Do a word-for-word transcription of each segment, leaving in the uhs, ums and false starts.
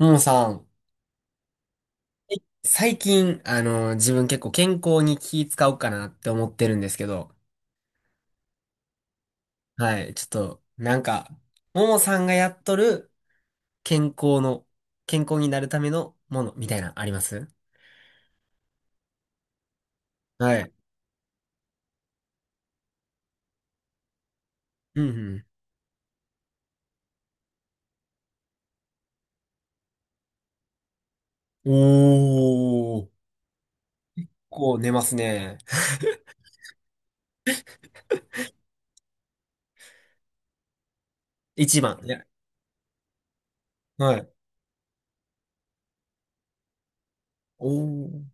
ももさん、最近、あの、自分結構健康に気使おうかなって思ってるんですけど、はい、ちょっと、なんか、ももさんがやっとる健康の、健康になるためのものみたいな、あります？はい。うん、うん。おー、こう寝ますね。一番。いや、はい。おー。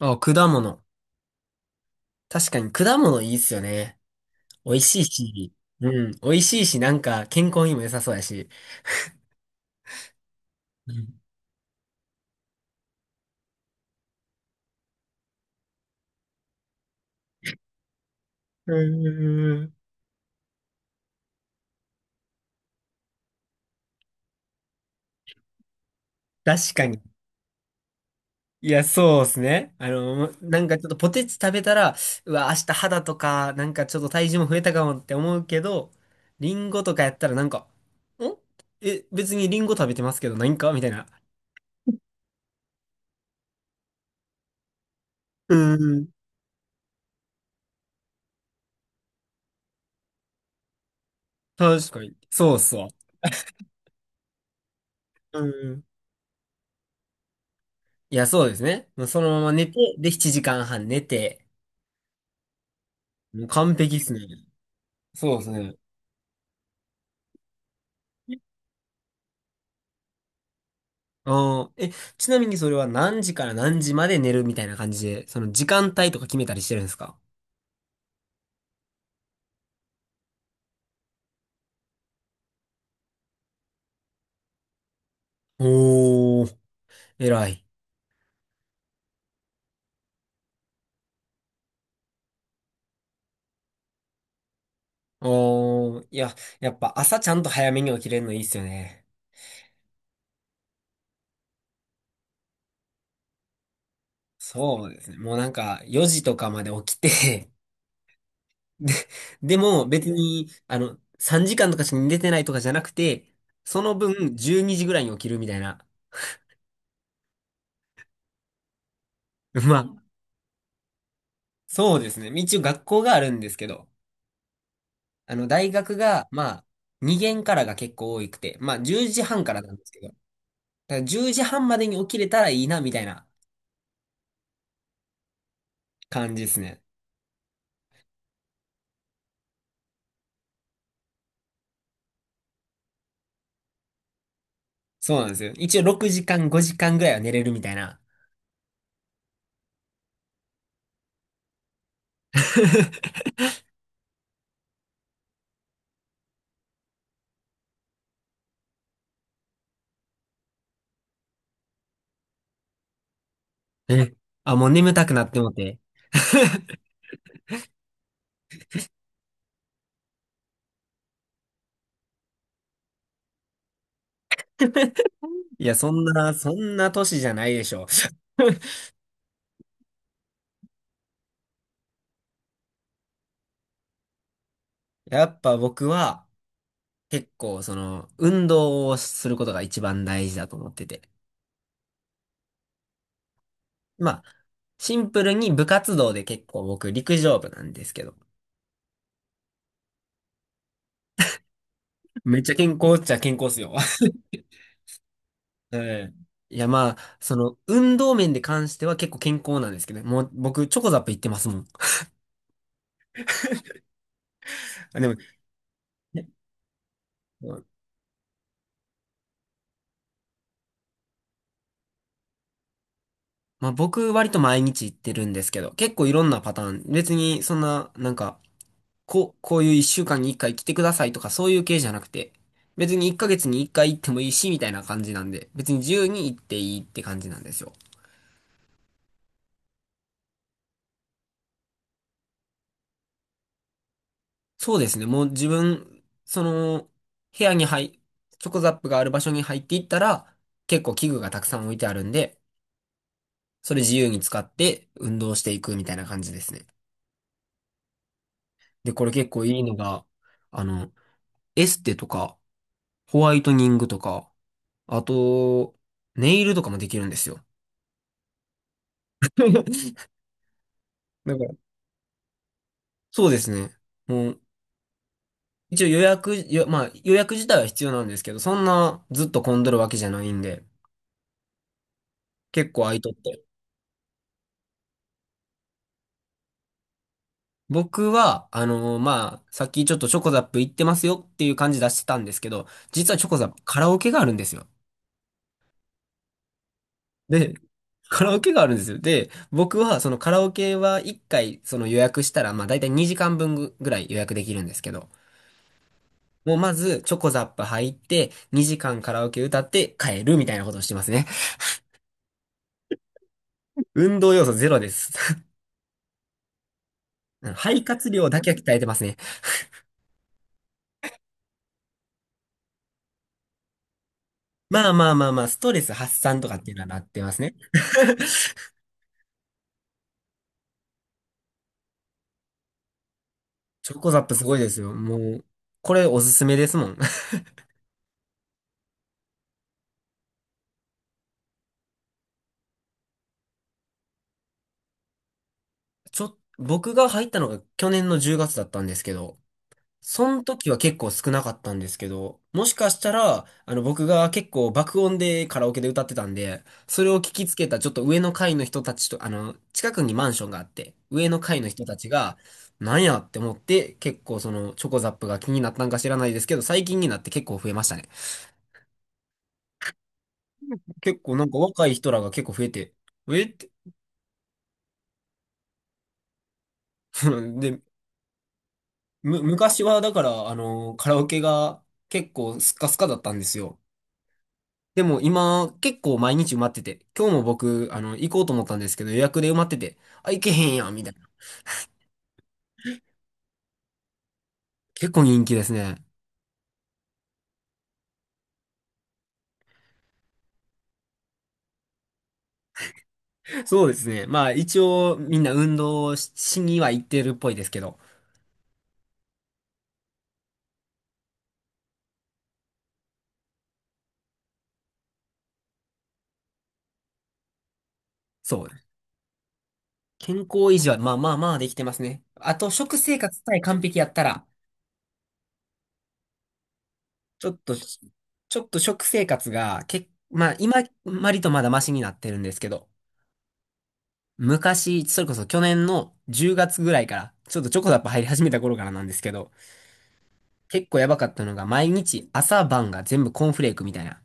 あ、果物。確かに果物いいっすよね。美味しいし、うん、美味しいし、なんか健康にも良さそうやし。うん。うーん、確かに。いや、そうですね。あの、なんかちょっとポテチ食べたら、うわ、明日肌とか、なんかちょっと体重も増えたかもって思うけど、リンゴとかやったらなんか、んえ、別にリンゴ食べてますけど、何かみたいな。うん。確かに。そうそう。うん。いや、そうですね。もうそのまま寝て、で、ななじかんはん寝て、もう完璧っすね。そうですね。あん。え、ちなみにそれは何時から何時まで寝るみたいな感じで、その時間帯とか決めたりしてるんですか？おー、偉い。おー、いや、やっぱ朝ちゃんと早めに起きれるのいいっすよね。そうですね。もうなんかよじとかまで起きて で、でも別に、あの、さんじかんとかしか寝てないとかじゃなくて、その分じゅうにじぐらいに起きるみたいな。まあ、そうですね。一応学校があるんですけど、あの、大学が、まあ、に限からが結構多くて、まあ、じゅうじはんからなんですけど、だからじゅうじはんまでに起きれたらいいな、みたいな感じですね。そうなんですよ。一応ろくじかん、ごじかんぐらいは寝れるみたいな。え、あ、もう眠たくなってもて。いや、そんな、そんな年じゃないでしょ。やっぱ僕は、結構、その、運動をすることが一番大事だと思ってて。まあ、シンプルに部活動で結構僕、陸上部なんですけど。めっちゃ健康っちゃ健康っすよ。うん。いや、まあ、その、運動面で関しては結構健康なんですけど、もう僕、チョコザップ行ってますもん。あ、でも、ね。うん。まあ、僕割と毎日行ってるんですけど、結構いろんなパターン、別にそんな、なんか、こう、こういう一週間に一回来てくださいとかそういう系じゃなくて、別に一ヶ月に一回行ってもいいし、みたいな感じなんで、別に自由に行っていいって感じなんですよ。そうですね、もう自分、その、部屋に入、チョコザップがある場所に入っていったら、結構器具がたくさん置いてあるんで、それ自由に使って運動していくみたいな感じですね。で、これ結構いいのが、あの、エステとか、ホワイトニングとか、あと、ネイルとかもできるんですよ。だからそうですね。もう、一応予約、よまあ予約自体は必要なんですけど、そんなずっと混んどるわけじゃないんで、結構空いとって。僕は、あのーまあ、さっきちょっとチョコザップ行ってますよっていう感じ出してたんですけど、実はチョコザップカラオケがあるんですよ。で、カラオケがあるんですよ。で、僕はそのカラオケはいっかいその予約したら、まあ大体にじかんぶんぐぐらい予約できるんですけど、もうまずチョコザップ入って、にじかんカラオケ歌って帰るみたいなことをしてますね。運動要素ゼロです。うん。肺活量だけは鍛えてますね。まあまあまあまあ、ストレス発散とかっていうのはなってますね。チョコザップすごいですよ。もう、これおすすめですもん。ちょ、僕が入ったのが去年のじゅうがつだったんですけど、その時は結構少なかったんですけど、もしかしたら、あの僕が結構爆音でカラオケで歌ってたんで、それを聞きつけたちょっと上の階の人たちと、あの、近くにマンションがあって、上の階の人たちが、なんやって思って、結構そのチョコザップが気になったんか知らないですけど、最近になって結構増えましたね。結構なんか若い人らが結構増えて、えって、で、む、昔はだから、あの、カラオケが結構スッカスカだったんですよ。でも今結構毎日埋まってて、今日も僕、あの、行こうと思ったんですけど予約で埋まってて、あ、行けへんやん、みたいな。結構人気ですね。そうですね。まあ一応みんな運動し、しには行ってるっぽいですけど、そう。健康維持はまあまあまあできてますね。あと食生活さえ完璧やったら、ちょっと、ちょっと食生活が、け、まあ今、割とまだマシになってるんですけど、昔、それこそ去年のじゅうがつぐらいから、ちょっとチョコザップ入り始めた頃からなんですけど、結構やばかったのが、毎日朝晩が全部コーンフレークみたいな。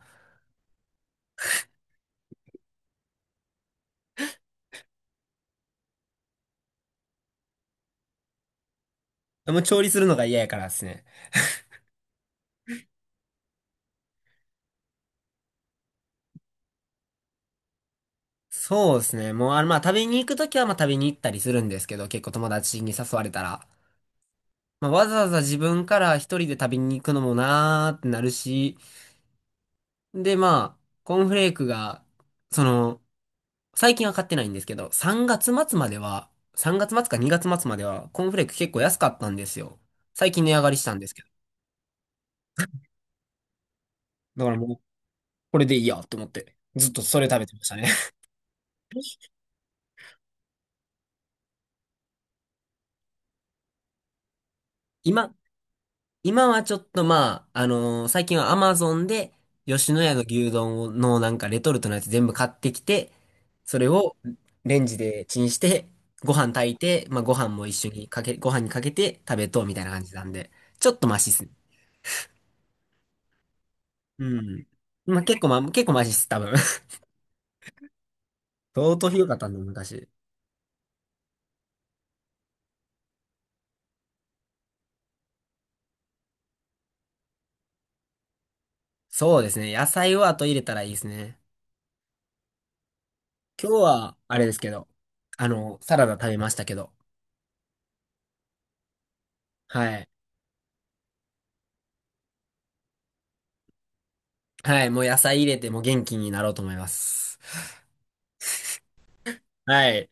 もう調理するのが嫌やからですね。そうですね。もう、あの、まあ、食べに行くときは、まあ、食べに行ったりするんですけど、結構友達に誘われたら。まあ、わざわざ自分から一人で食べに行くのもなーってなるし、で、まあ、コーンフレークが、その、最近は買ってないんですけど、さんがつ末までは、さんがつ末かにがつ末までは、コーンフレーク結構安かったんですよ。最近値上がりしたんですけど。だからもう、これでいいやと思って、ずっとそれ食べてましたね。今、今はちょっとまあ、あのー最近はアマゾンで、吉野家の牛丼のなんかレトルトのやつ全部買ってきて、それをレンジでチンして、ご飯炊いて、まあご飯も一緒にかけ、ご飯にかけて食べとうみたいな感じなんで、ちょっとマシっす。うん。まあ結構まあ、結構マシっす、多分。相当ひどかったんだ、昔。そうですね。野菜を後入れたらいいですね。今日は、あれですけど、あの、サラダ食べましたけど。はい。はい、もう野菜入れても元気になろうと思います。はい。